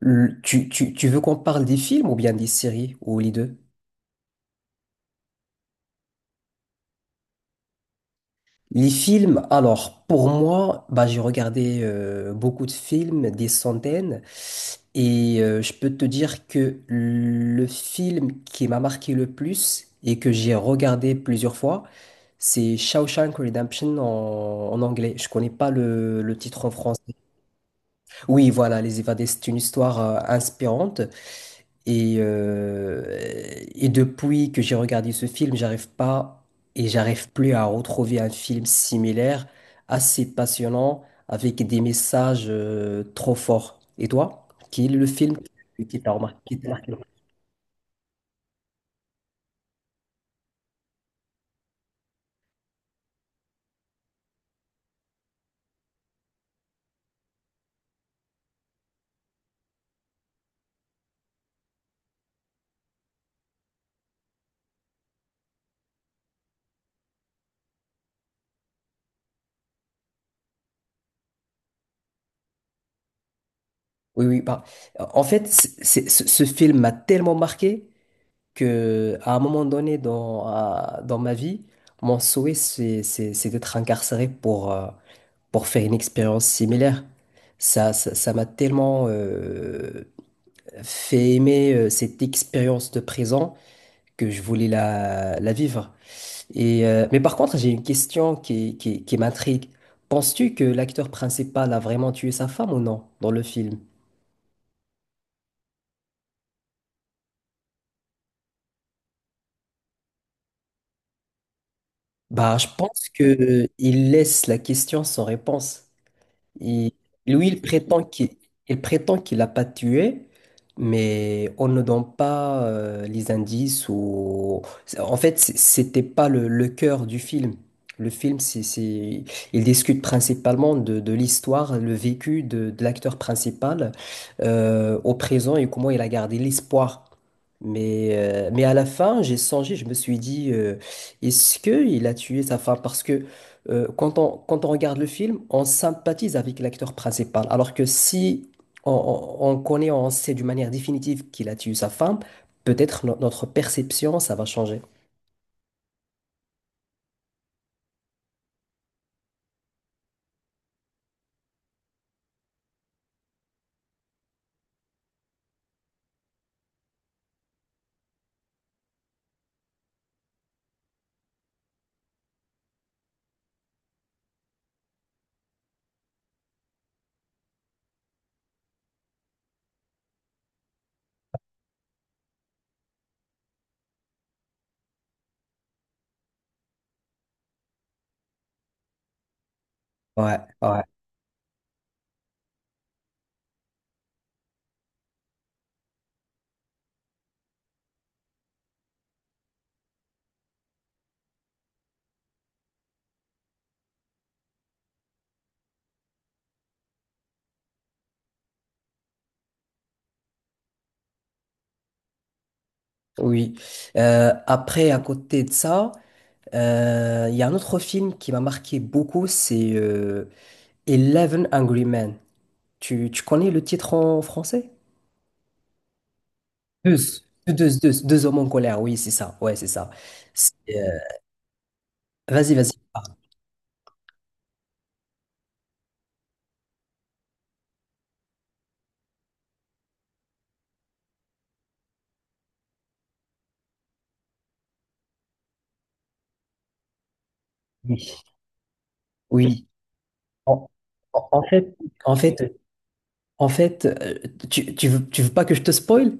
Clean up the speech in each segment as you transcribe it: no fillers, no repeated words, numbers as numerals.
Tu veux qu'on parle des films ou bien des séries ou les deux? Les films, alors pour moi, j'ai regardé beaucoup de films, des centaines, je peux te dire que le film qui m'a marqué le plus et que j'ai regardé plusieurs fois, c'est Shawshank Redemption en anglais. Je connais pas le titre en français. Oui, voilà, Les Évadés, c'est une histoire inspirante. Et, euh, et depuis que j'ai regardé ce film, j'arrive pas et j'arrive plus à retrouver un film similaire, assez passionnant, avec des messages trop forts. Et toi, quel est le film qui t'a marqué? Oui, oui, en fait, ce film m'a tellement marqué que à un moment donné dans ma vie, mon souhait, c'est d'être incarcéré pour faire une expérience similaire. Ça m'a tellement fait aimer cette expérience de présent que je voulais la vivre. Mais par contre, j'ai une question qui m'intrigue. Penses-tu que l'acteur principal a vraiment tué sa femme ou non dans le film? Bah, je pense que il laisse la question sans réponse. Il- Lui, il prétend qu'il l'a pas tué, mais on ne donne pas les indices. En fait, c'était pas le cœur du film. Le film, il discute principalement de l'histoire, le vécu de l'acteur principal au présent et comment il a gardé l'espoir. Mais à la fin, j'ai songé, je me suis dit, est-ce qu'il a tué sa femme? Parce que quand quand on regarde le film, on sympathise avec l'acteur principal. Alors que si on connaît, on sait d'une manière définitive qu'il a tué sa femme, peut-être notre perception, ça va changer. Ouais, ouais, oui. Après, à côté de ça, il y a un autre film qui m'a marqué beaucoup, c'est Eleven Angry Men. Tu connais le titre en français? Deux. Deux hommes en colère, oui, c'est ça. Ouais, c'est ça. Vas-y, vas-y. Ah, oui. Oui. En, en fait, en fait, en fait, euh, tu veux pas que je te spoil?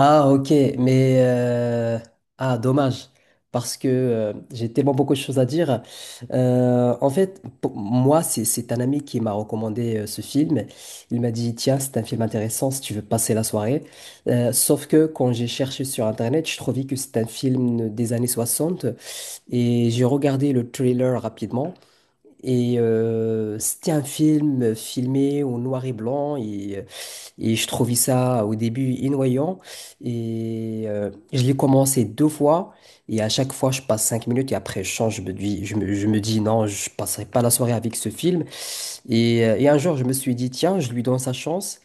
Ah, ok, mais ah, dommage, parce que j'ai tellement beaucoup de choses à dire. En fait, pour moi, c'est un ami qui m'a recommandé ce film. Il m'a dit, tiens, c'est un film intéressant si tu veux passer la soirée. Sauf que quand j'ai cherché sur Internet, je trouvais que c'est un film des années 60 et j'ai regardé le trailer rapidement. C'était un film filmé au noir et blanc et je trouvais ça au début ennuyant. Je l'ai commencé deux fois. Et à chaque fois, je passe 5 minutes et après, je change. Je me dis, je me dis non, je passerai pas la soirée avec ce film. Et un jour, je me suis dit, tiens, je lui donne sa chance.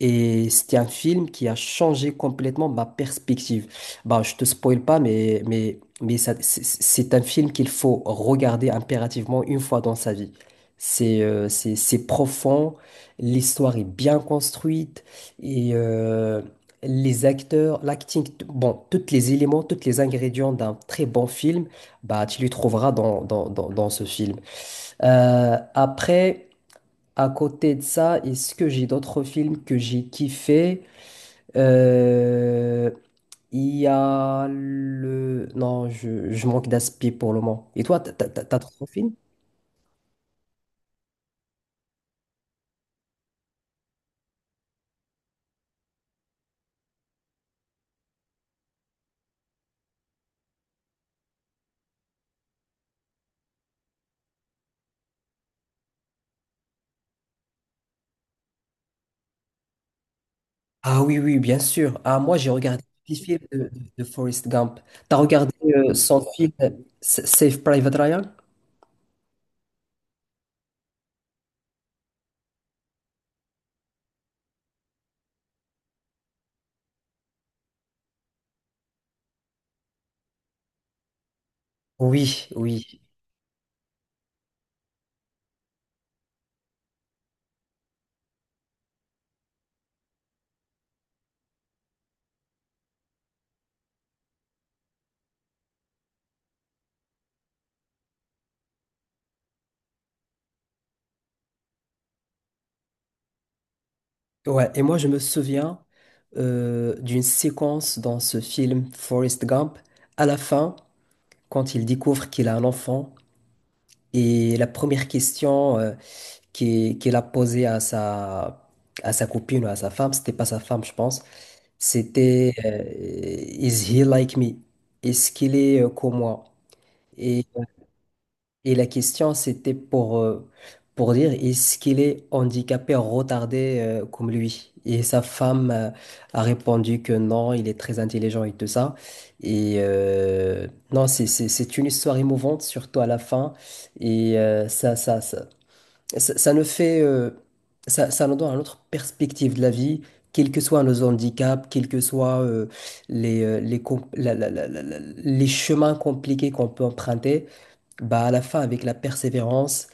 Et c'était un film qui a changé complètement ma perspective. Bah, je te spoil pas, mais ça, c'est un film qu'il faut regarder impérativement une fois dans sa vie. C'est c'est profond, l'histoire est bien construite, et euh, les acteurs, l'acting, bon, tous les éléments, tous les ingrédients d'un très bon film, bah, tu les trouveras dans ce film. Après. À côté de ça, est-ce que j'ai d'autres films que j'ai kiffé? Euh, Il y a Non, je manque d'aspi pour le moment. Et toi, t'as d'autres films? Ah oui, oui, bien sûr. Ah, moi, j'ai regardé les films de Forrest Gump. T'as regardé son film Save Private Ryan? Oui, oui. Ouais, et moi je me souviens d'une séquence dans ce film Forrest Gump, à la fin, quand il découvre qu'il a un enfant, et la première question qu'il a posée à sa copine ou à sa femme, c'était pas sa femme je pense, c'était Is he like me? Est-ce qu'il est comme moi? Et la question, c'était pour dire, est-ce qu'il est handicapé, retardé comme lui? Et sa femme a répondu que non, il est très intelligent et tout ça. Et euh, non, c'est une histoire émouvante, surtout à la fin. Et euh, ça, ça, ça, ça nous fait, ça nous donne une autre perspective de la vie, quels que soient nos handicaps, quels que soient les, com- la- la- la- la- la- les chemins compliqués qu'on peut emprunter. Bah, à la fin, avec la persévérance,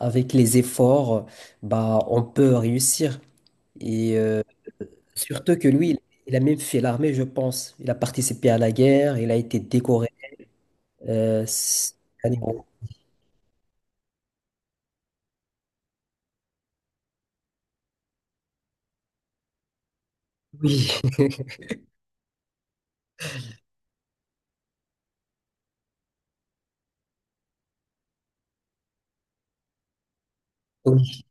avec les efforts, bah, on peut réussir. Et euh, surtout que lui, il a même fait l'armée, je pense. Il a participé à la guerre, il a été décoré. C'est un héros. Oui, oui,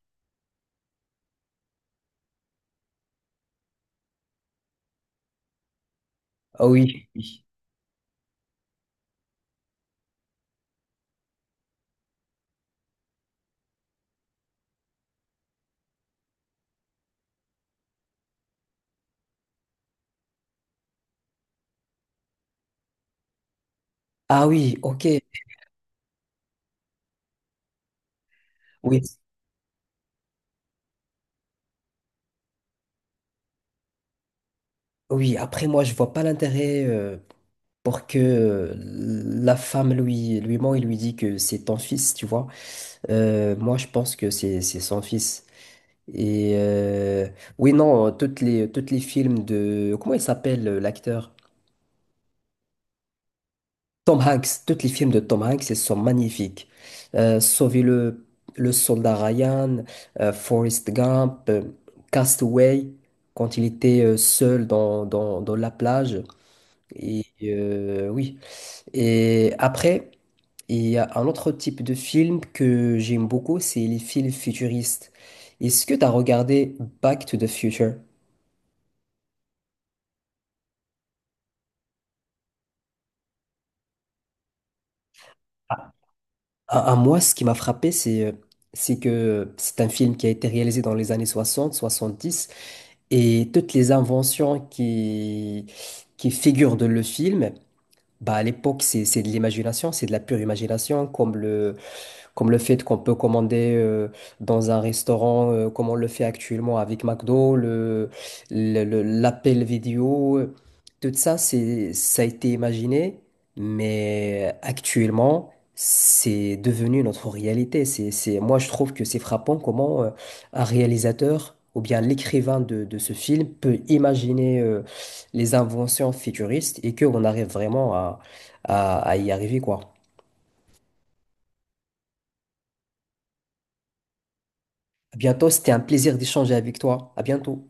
ah oui, oui. Ah oui, ok, oui, oui. Après, moi, je vois pas l'intérêt pour que la femme lui ment et lui dit que c'est ton fils, tu vois. Moi, je pense que c'est son fils. Et euh, oui, non, toutes les films de... Comment il s'appelle l'acteur? Tom Hanks. Tous les films de Tom Hanks, ils sont magnifiques. Sauver le soldat Ryan, Forrest Gump, Castaway, quand il était seul dans la plage. Et oui. Et après, il y a un autre type de film que j'aime beaucoup, c'est les films futuristes. Est-ce que tu as regardé Back to the Future? À moi, ce qui m'a frappé, c'est que c'est un film qui a été réalisé dans les années 60, 70, et toutes les inventions qui figurent dans le film, bah, à l'époque, c'est de l'imagination, c'est de la pure imagination, comme le fait qu'on peut commander dans un restaurant, comme on le fait actuellement avec McDo, l'appel vidéo, tout ça, ça a été imaginé, mais actuellement, c'est devenu notre réalité. Moi, je trouve que c'est frappant comment un réalisateur ou bien l'écrivain de ce film peut imaginer les inventions futuristes et qu'on arrive vraiment à y arriver, quoi. À bientôt, c'était un plaisir d'échanger avec toi. À bientôt.